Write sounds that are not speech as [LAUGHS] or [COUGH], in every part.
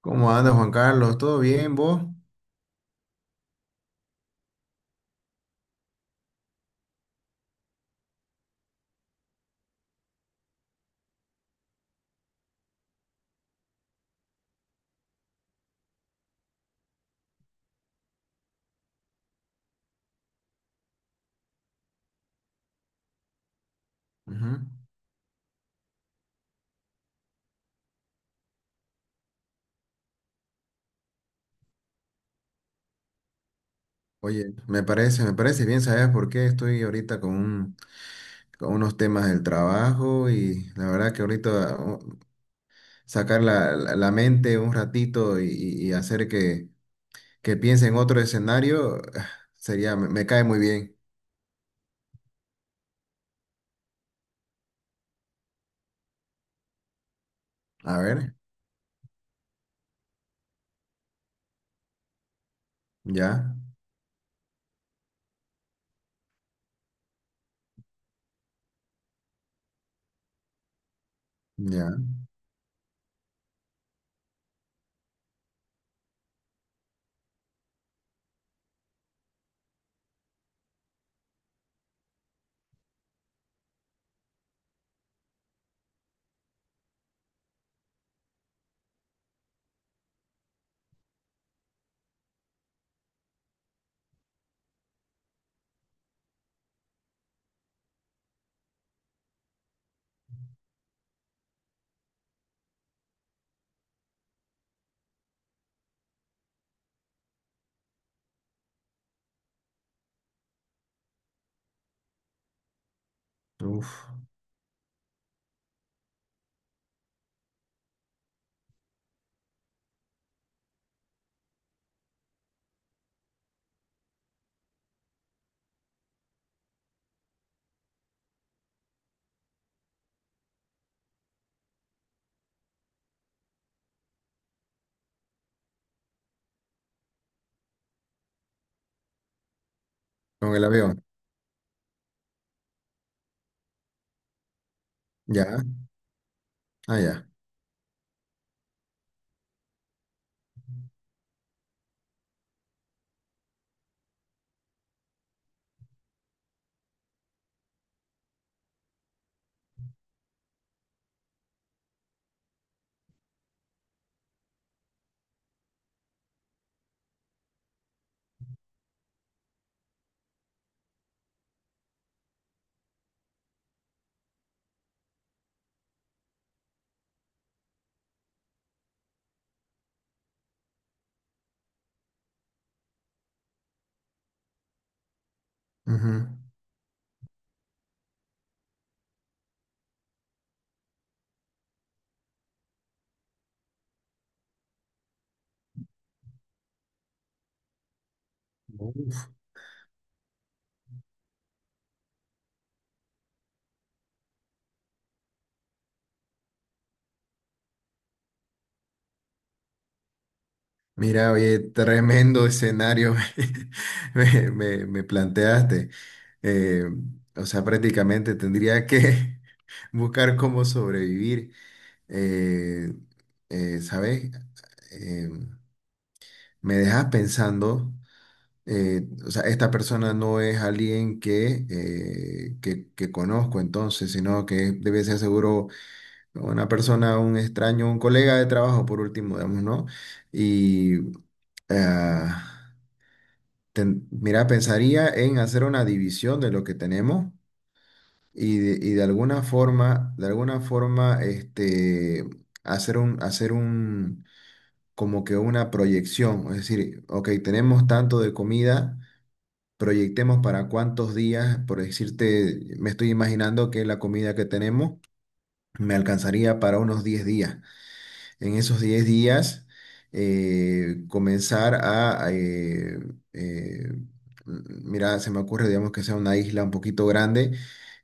¿Cómo andas, Juan Carlos? ¿Todo bien, vos? Ujú. Oye, me parece bien, ¿sabes por qué? Estoy ahorita con unos temas del trabajo y la verdad que ahorita sacar la mente un ratito y hacer que piense en otro escenario, sería, me cae muy bien. A ver, ya, ya, uf, con el avión, ya, ah, ya. Ujú. Uf. Mira, oye, tremendo escenario [LAUGHS] me planteaste. Eh, o sea, prácticamente tendría que [LAUGHS] buscar cómo sobrevivir. Eh, ¿Sabes? Eh, Me dejas pensando, o sea, esta persona no es alguien que, que conozco entonces, sino que debe ser seguro una persona, un extraño, un colega de trabajo, por último, digamos, ¿no? Y... Ah, mira, pensaría en hacer una división de lo que tenemos y de alguna forma, este, hacer un, como que una proyección. Es decir, ok, tenemos tanto de comida, proyectemos para cuántos días, por decirte, me estoy imaginando que la comida que tenemos me alcanzaría para unos 10 días. En esos 10 días comenzar a, eh, mira, se me ocurre, digamos, que sea una isla un poquito grande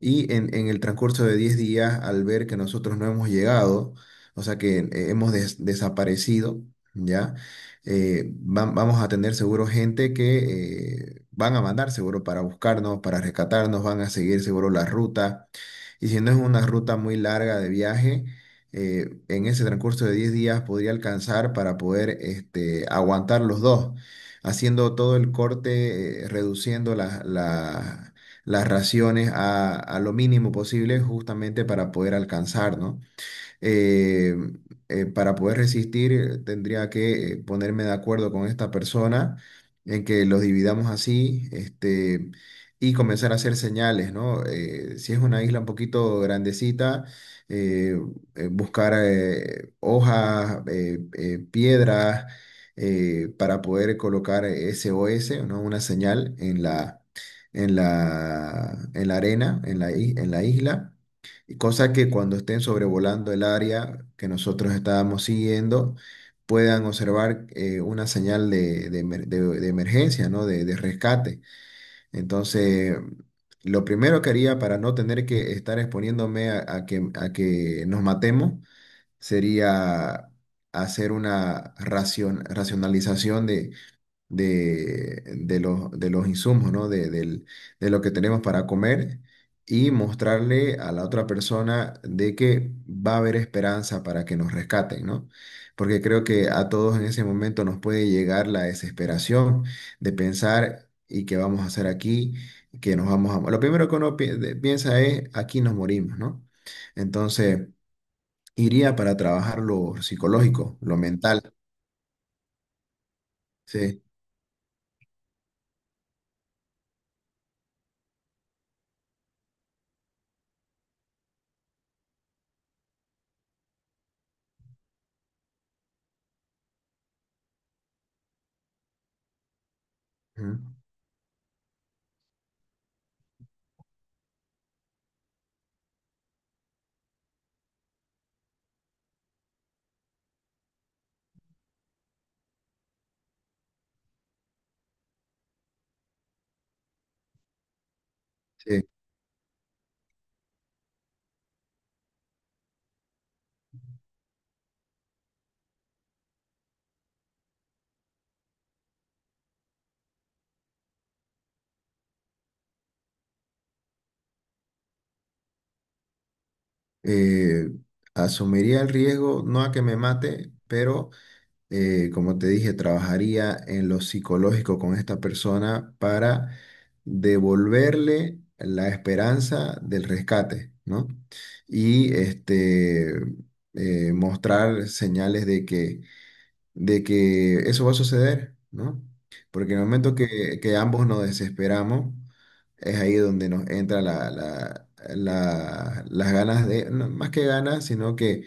y en el transcurso de 10 días, al ver que nosotros no hemos llegado, o sea, que hemos desaparecido, ¿ya? Vamos a tener seguro gente que van a mandar seguro para buscarnos, para rescatarnos, van a seguir seguro la ruta. Y si no es una ruta muy larga de viaje, en ese transcurso de 10 días podría alcanzar para poder este, aguantar los dos, haciendo todo el corte, reduciendo las raciones a lo mínimo posible justamente para poder alcanzar, ¿no? eh, para poder resistir, tendría que ponerme de acuerdo con esta persona en que los dividamos así, este, y comenzar a hacer señales, ¿no? Si es una isla un poquito grandecita, eh, buscar hojas, piedras, para poder colocar SOS, ¿no? Una señal en en la arena, en en la isla y cosa que cuando estén sobrevolando el área que nosotros estábamos siguiendo, puedan observar una señal de de emergencia, ¿no? De rescate. Entonces, lo primero que haría para no tener que estar exponiéndome a que nos matemos sería hacer una racionalización de los insumos, ¿no? De lo que tenemos para comer y mostrarle a la otra persona de que va a haber esperanza para que nos rescaten, ¿no? Porque creo que a todos en ese momento nos puede llegar la desesperación de pensar, ¿y qué vamos a hacer aquí? Que nos vamos a... Lo primero que uno piensa es, aquí nos morimos, ¿no? Entonces, iría para trabajar lo psicológico, lo mental. Sí. Ujú. Sí. eh, asumiría el riesgo, no a que me mate, pero como te dije, trabajaría en lo psicológico con esta persona para devolverle la esperanza del rescate, ¿no? Y este, mostrar señales de que eso va a suceder, ¿no? Porque en el momento que ambos nos desesperamos, es ahí donde nos entra las ganas de, no, más que ganas, sino que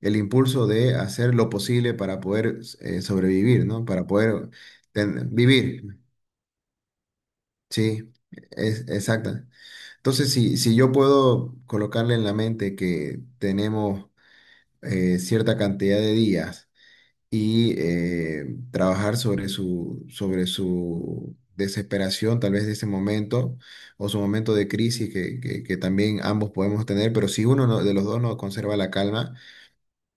el impulso de hacer lo posible para poder sobrevivir, ¿no? Para poder vivir, ¿sí? Es, exacta. Entonces, si yo puedo colocarle en la mente que tenemos cierta cantidad de días, y trabajar sobre su desesperación, tal vez de ese momento, o su momento de crisis que que también ambos podemos tener, pero si uno de los dos no conserva la calma,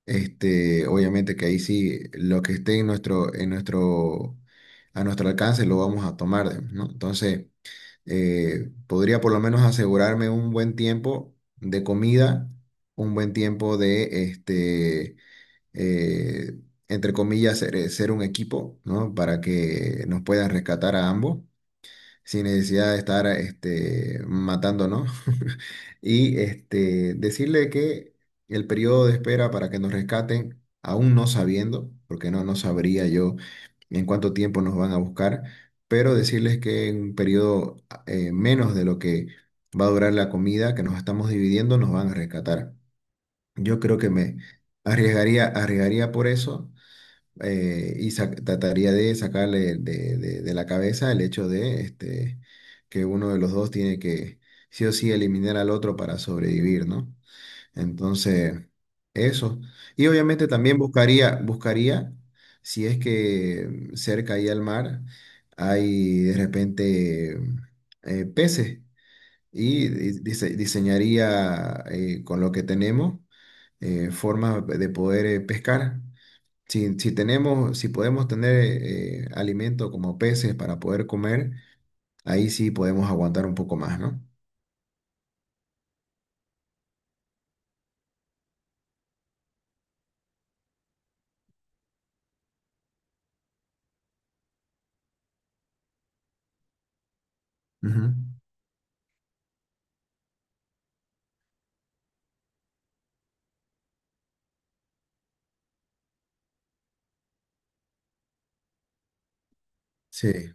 este, obviamente que ahí sí lo que esté en nuestro, a nuestro alcance lo vamos a tomar, ¿no? Entonces, podría por lo menos asegurarme un buen tiempo de comida, un buen tiempo de este eh, entre comillas, ser, ser un equipo, ¿no? Para que nos puedan rescatar a ambos sin necesidad de estar este, matándonos. [LAUGHS] Y este, decirle que el periodo de espera para que nos rescaten, aún no sabiendo, porque no sabría yo en cuánto tiempo nos van a buscar, pero decirles que en un periodo menos de lo que va a durar la comida que nos estamos dividiendo, nos van a rescatar. Yo creo que me arriesgaría por eso y trataría de sacarle de la cabeza el hecho de este, que uno de los dos tiene que sí o sí eliminar al otro para sobrevivir, ¿no? Entonces, eso. Y obviamente también buscaría, si es que cerca ahí al mar hay de repente peces y diseñaría con lo que tenemos formas de poder pescar. Si tenemos, si podemos tener alimento como peces para poder comer, ahí sí podemos aguantar un poco más, ¿no? Ujú. Sí,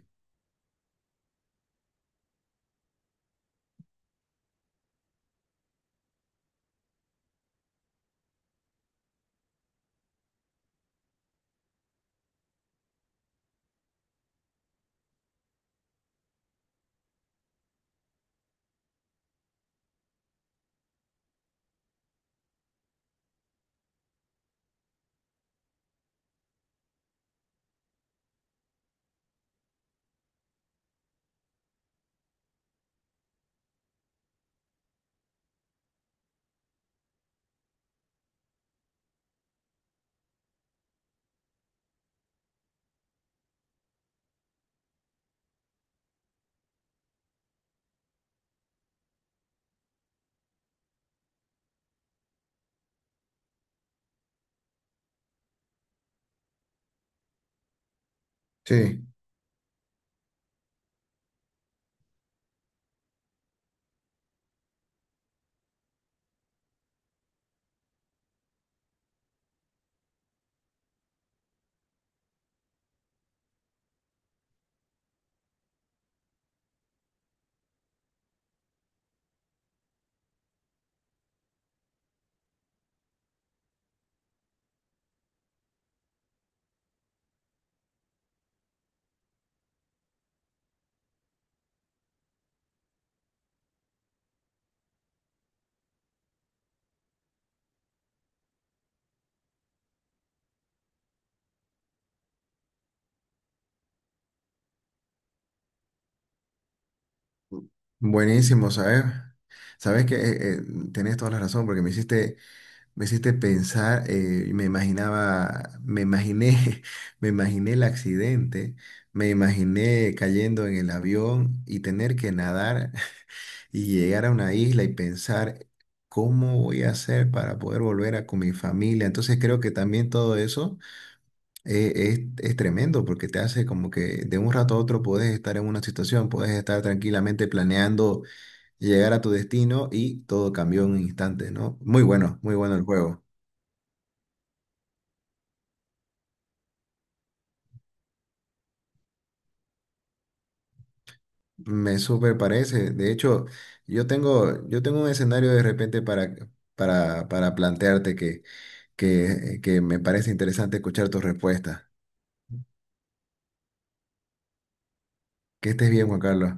sí, buenísimo, ¿sabes? Sabes que tenés toda la razón porque me hiciste pensar, y me imaginé, [LAUGHS] me imaginé el accidente, me imaginé cayendo en el avión y tener que nadar [LAUGHS] y llegar a una isla y pensar cómo voy a hacer para poder volver a con mi familia. Entonces creo que también todo eso eh, es tremendo porque te hace como que de un rato a otro puedes estar en una situación, puedes estar tranquilamente planeando llegar a tu destino y todo cambió en un instante, ¿no? Muy bueno, muy bueno el juego. Me súper parece. De hecho, yo tengo un escenario de repente para plantearte que me parece interesante escuchar tu respuesta. Que estés bien, Juan Carlos.